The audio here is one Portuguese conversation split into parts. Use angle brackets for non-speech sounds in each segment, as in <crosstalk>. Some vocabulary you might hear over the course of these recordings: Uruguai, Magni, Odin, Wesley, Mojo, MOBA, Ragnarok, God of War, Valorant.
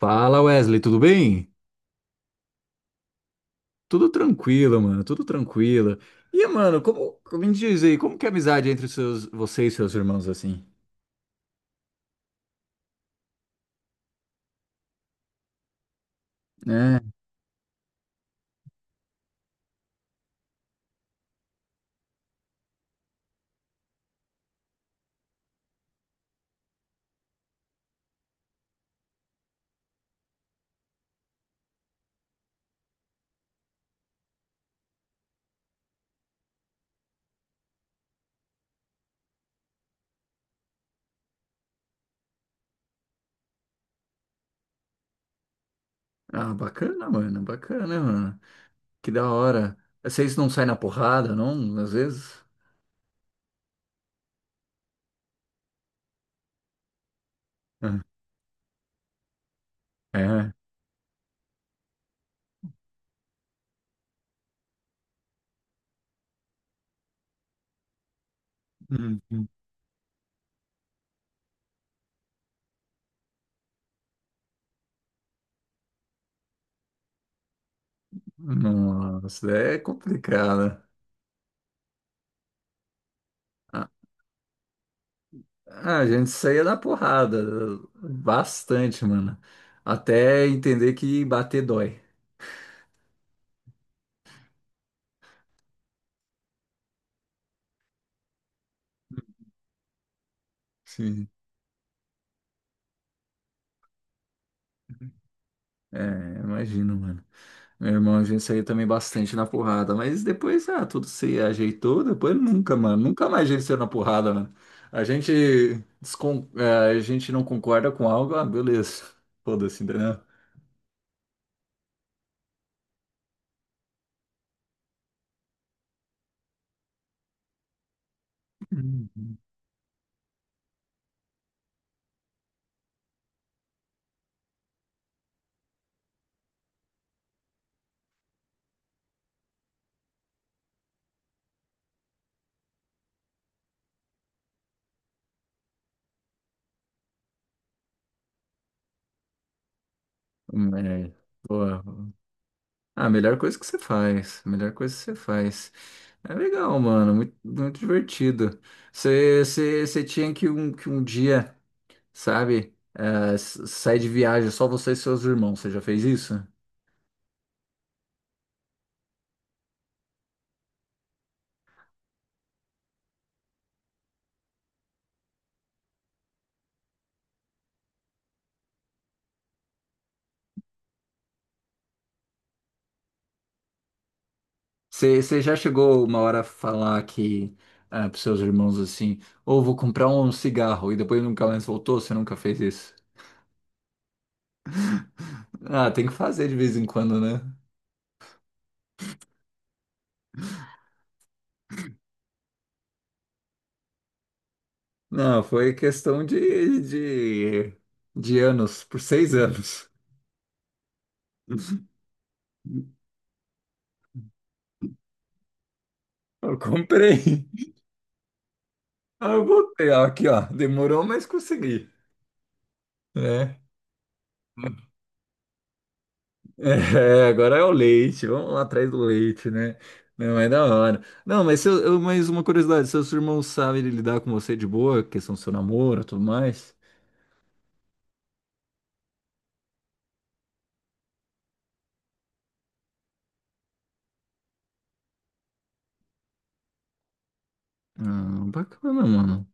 Fala Wesley, tudo bem? Tudo tranquilo, mano, tudo tranquilo. E, mano, como me diz aí, como que é a amizade entre os seus, você e seus irmãos assim? É. Ah, bacana, mano, bacana, mano. Que da hora. Vocês não saem na porrada, não? Às vezes? É. Hum. Nossa, é complicado. Ah, a gente saía na porrada bastante, mano. Até entender que bater dói. Sim. É, imagino, mano. Meu irmão, a gente saiu também bastante na porrada, mas depois, ah, tudo se ajeitou, depois nunca, mano, nunca mais a gente saiu na porrada, mano. A gente, a gente não concorda com algo, ah, beleza, <laughs> foda-se, entendeu? Hum. É, pô, ah, a melhor coisa que você faz, a melhor coisa que você faz. É legal, mano, muito, muito divertido. Você tinha que um dia, sabe, s- sair de viagem só você e seus irmãos, você já fez isso? Você já chegou uma hora a falar que ah, pros seus irmãos assim, ou vou comprar um cigarro e depois nunca mais voltou? Você nunca fez isso? Ah, tem que fazer de vez em quando, né? Não, foi questão de anos, por seis anos. Eu comprei. <laughs> Ah, eu voltei, ah, aqui ó, demorou, mas consegui, né? É, agora é o leite, vamos lá atrás do leite, né? Não, é da hora. Não, mas, seu, eu- mas uma curiosidade, seus irmãos sabem lidar com você de boa, questão do seu namoro e tudo mais? Ah, bacana, mano.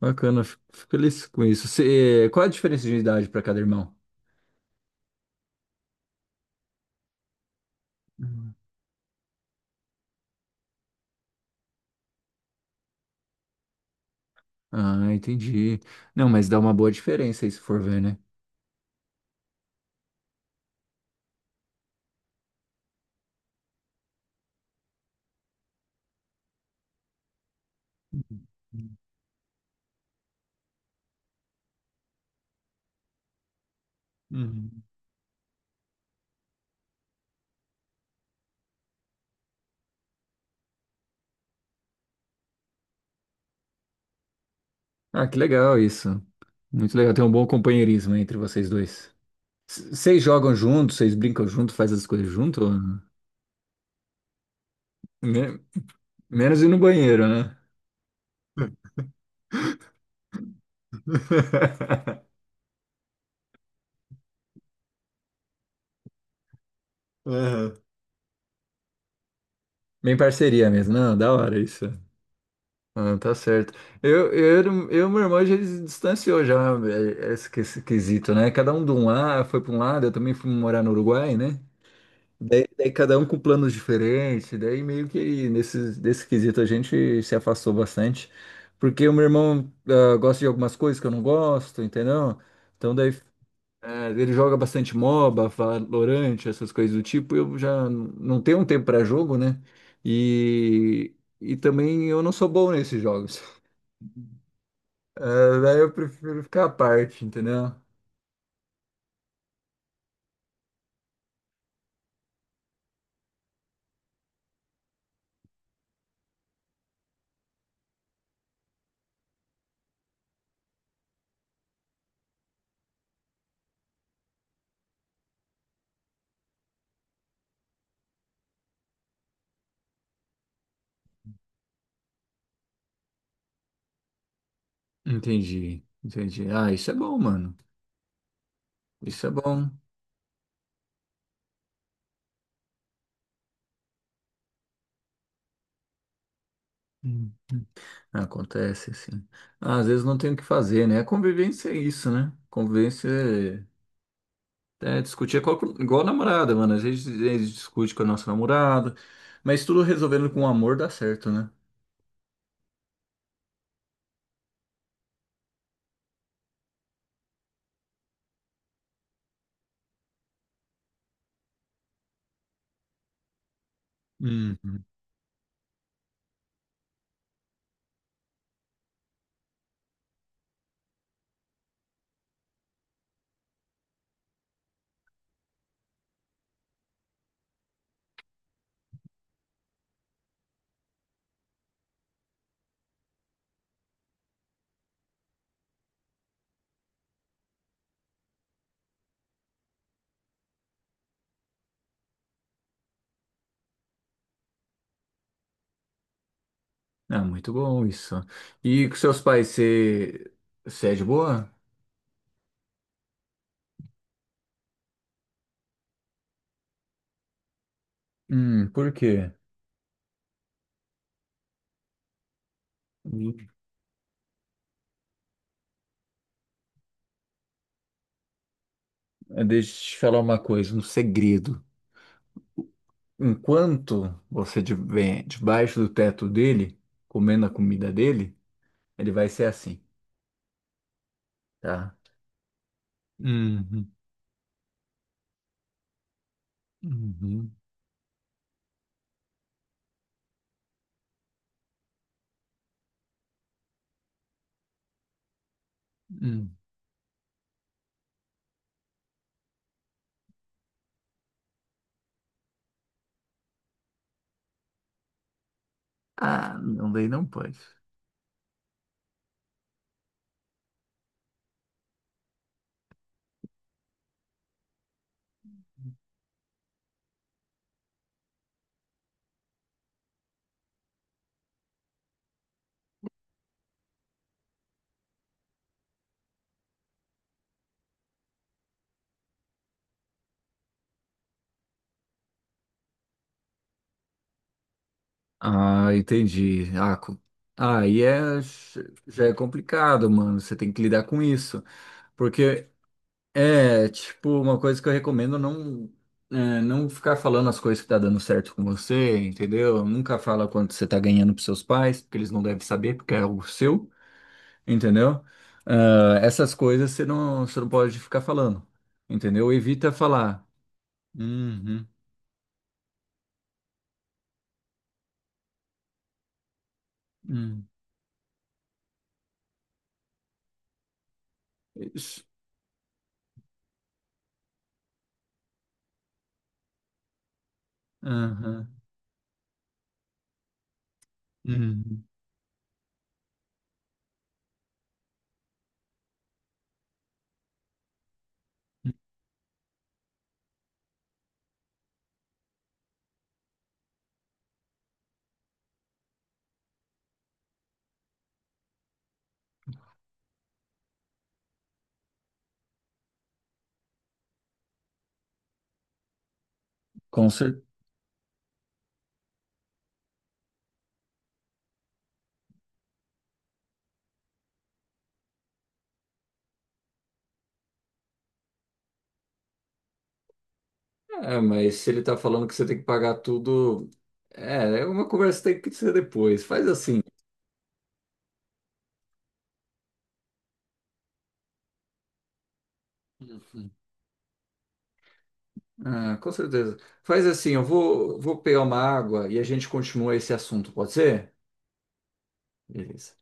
Bacana, fico feliz com isso. Você, qual a diferença de idade para cada irmão? Ah, entendi. Não, mas dá uma boa diferença aí se for ver, né? Uhum. Ah, que legal isso. Muito legal, tem um bom companheirismo entre vocês dois. C- Vocês jogam juntos, vocês brincam junto, fazem as coisas junto? Né? Menos ir no banheiro, né? <laughs> Aham. Bem parceria mesmo. Não, da hora isso. Ah, tá certo. Eu, eu, eu e meu irmão já se distanciou já é, é esse, que- esse quesito, né? Cada um de um lado, foi para um lado, eu também fui morar no Uruguai, né? Daí cada um com planos diferentes, daí meio que nesse, nesse quesito a gente se afastou bastante, porque o meu irmão ah, gosta de algumas coisas que eu não gosto, entendeu? Então daí é, ele joga bastante MOBA, Valorant, essas coisas do tipo. Eu já n- não tenho um tempo para jogo, né? E, e também eu não sou bom nesses jogos. <laughs> É, daí eu prefiro ficar à parte, entendeu? Entendi, entendi. Ah, isso é bom, mano. Isso é bom. Hum. Acontece assim. Ah, às vezes não tem o que fazer, né? Convivência é isso, né? Convivência é, discutia qual- igual a namorada, mano. Às vezes eles discutem com a nossa namorada, mas tudo resolvendo com amor dá certo, né? Hum. Ah, muito bom isso. E com seus pais, você, você é de boa? Por quê? Hum, Deixa eu te falar uma coisa, um segredo. Enquanto você estiver debaixo do teto dele, comendo a comida dele, ele vai ser assim, tá? Uhum. Uhum. Uhum. Ah, não, daí não pode. Ah, entendi. Ah, co- ah, e é, já é complicado, mano. Você tem que lidar com isso. Porque é, tipo, uma coisa que eu recomendo não, é, não ficar falando as coisas que tá dando certo com você, entendeu? Nunca fala quanto você tá ganhando pros seus pais, porque eles não devem saber, porque é algo seu, entendeu? Ah, essas coisas você não pode ficar falando, entendeu? Evita falar. Uhum, uhum, isso, aham, uhum. Hum, com certeza. É, mas se ele tá falando que você tem que pagar tudo, é, é uma conversa que tem que ser depois. Faz assim, uhum. Ah, com certeza. Faz assim, eu vou, vou pegar uma água e a gente continua esse assunto, pode ser? Beleza.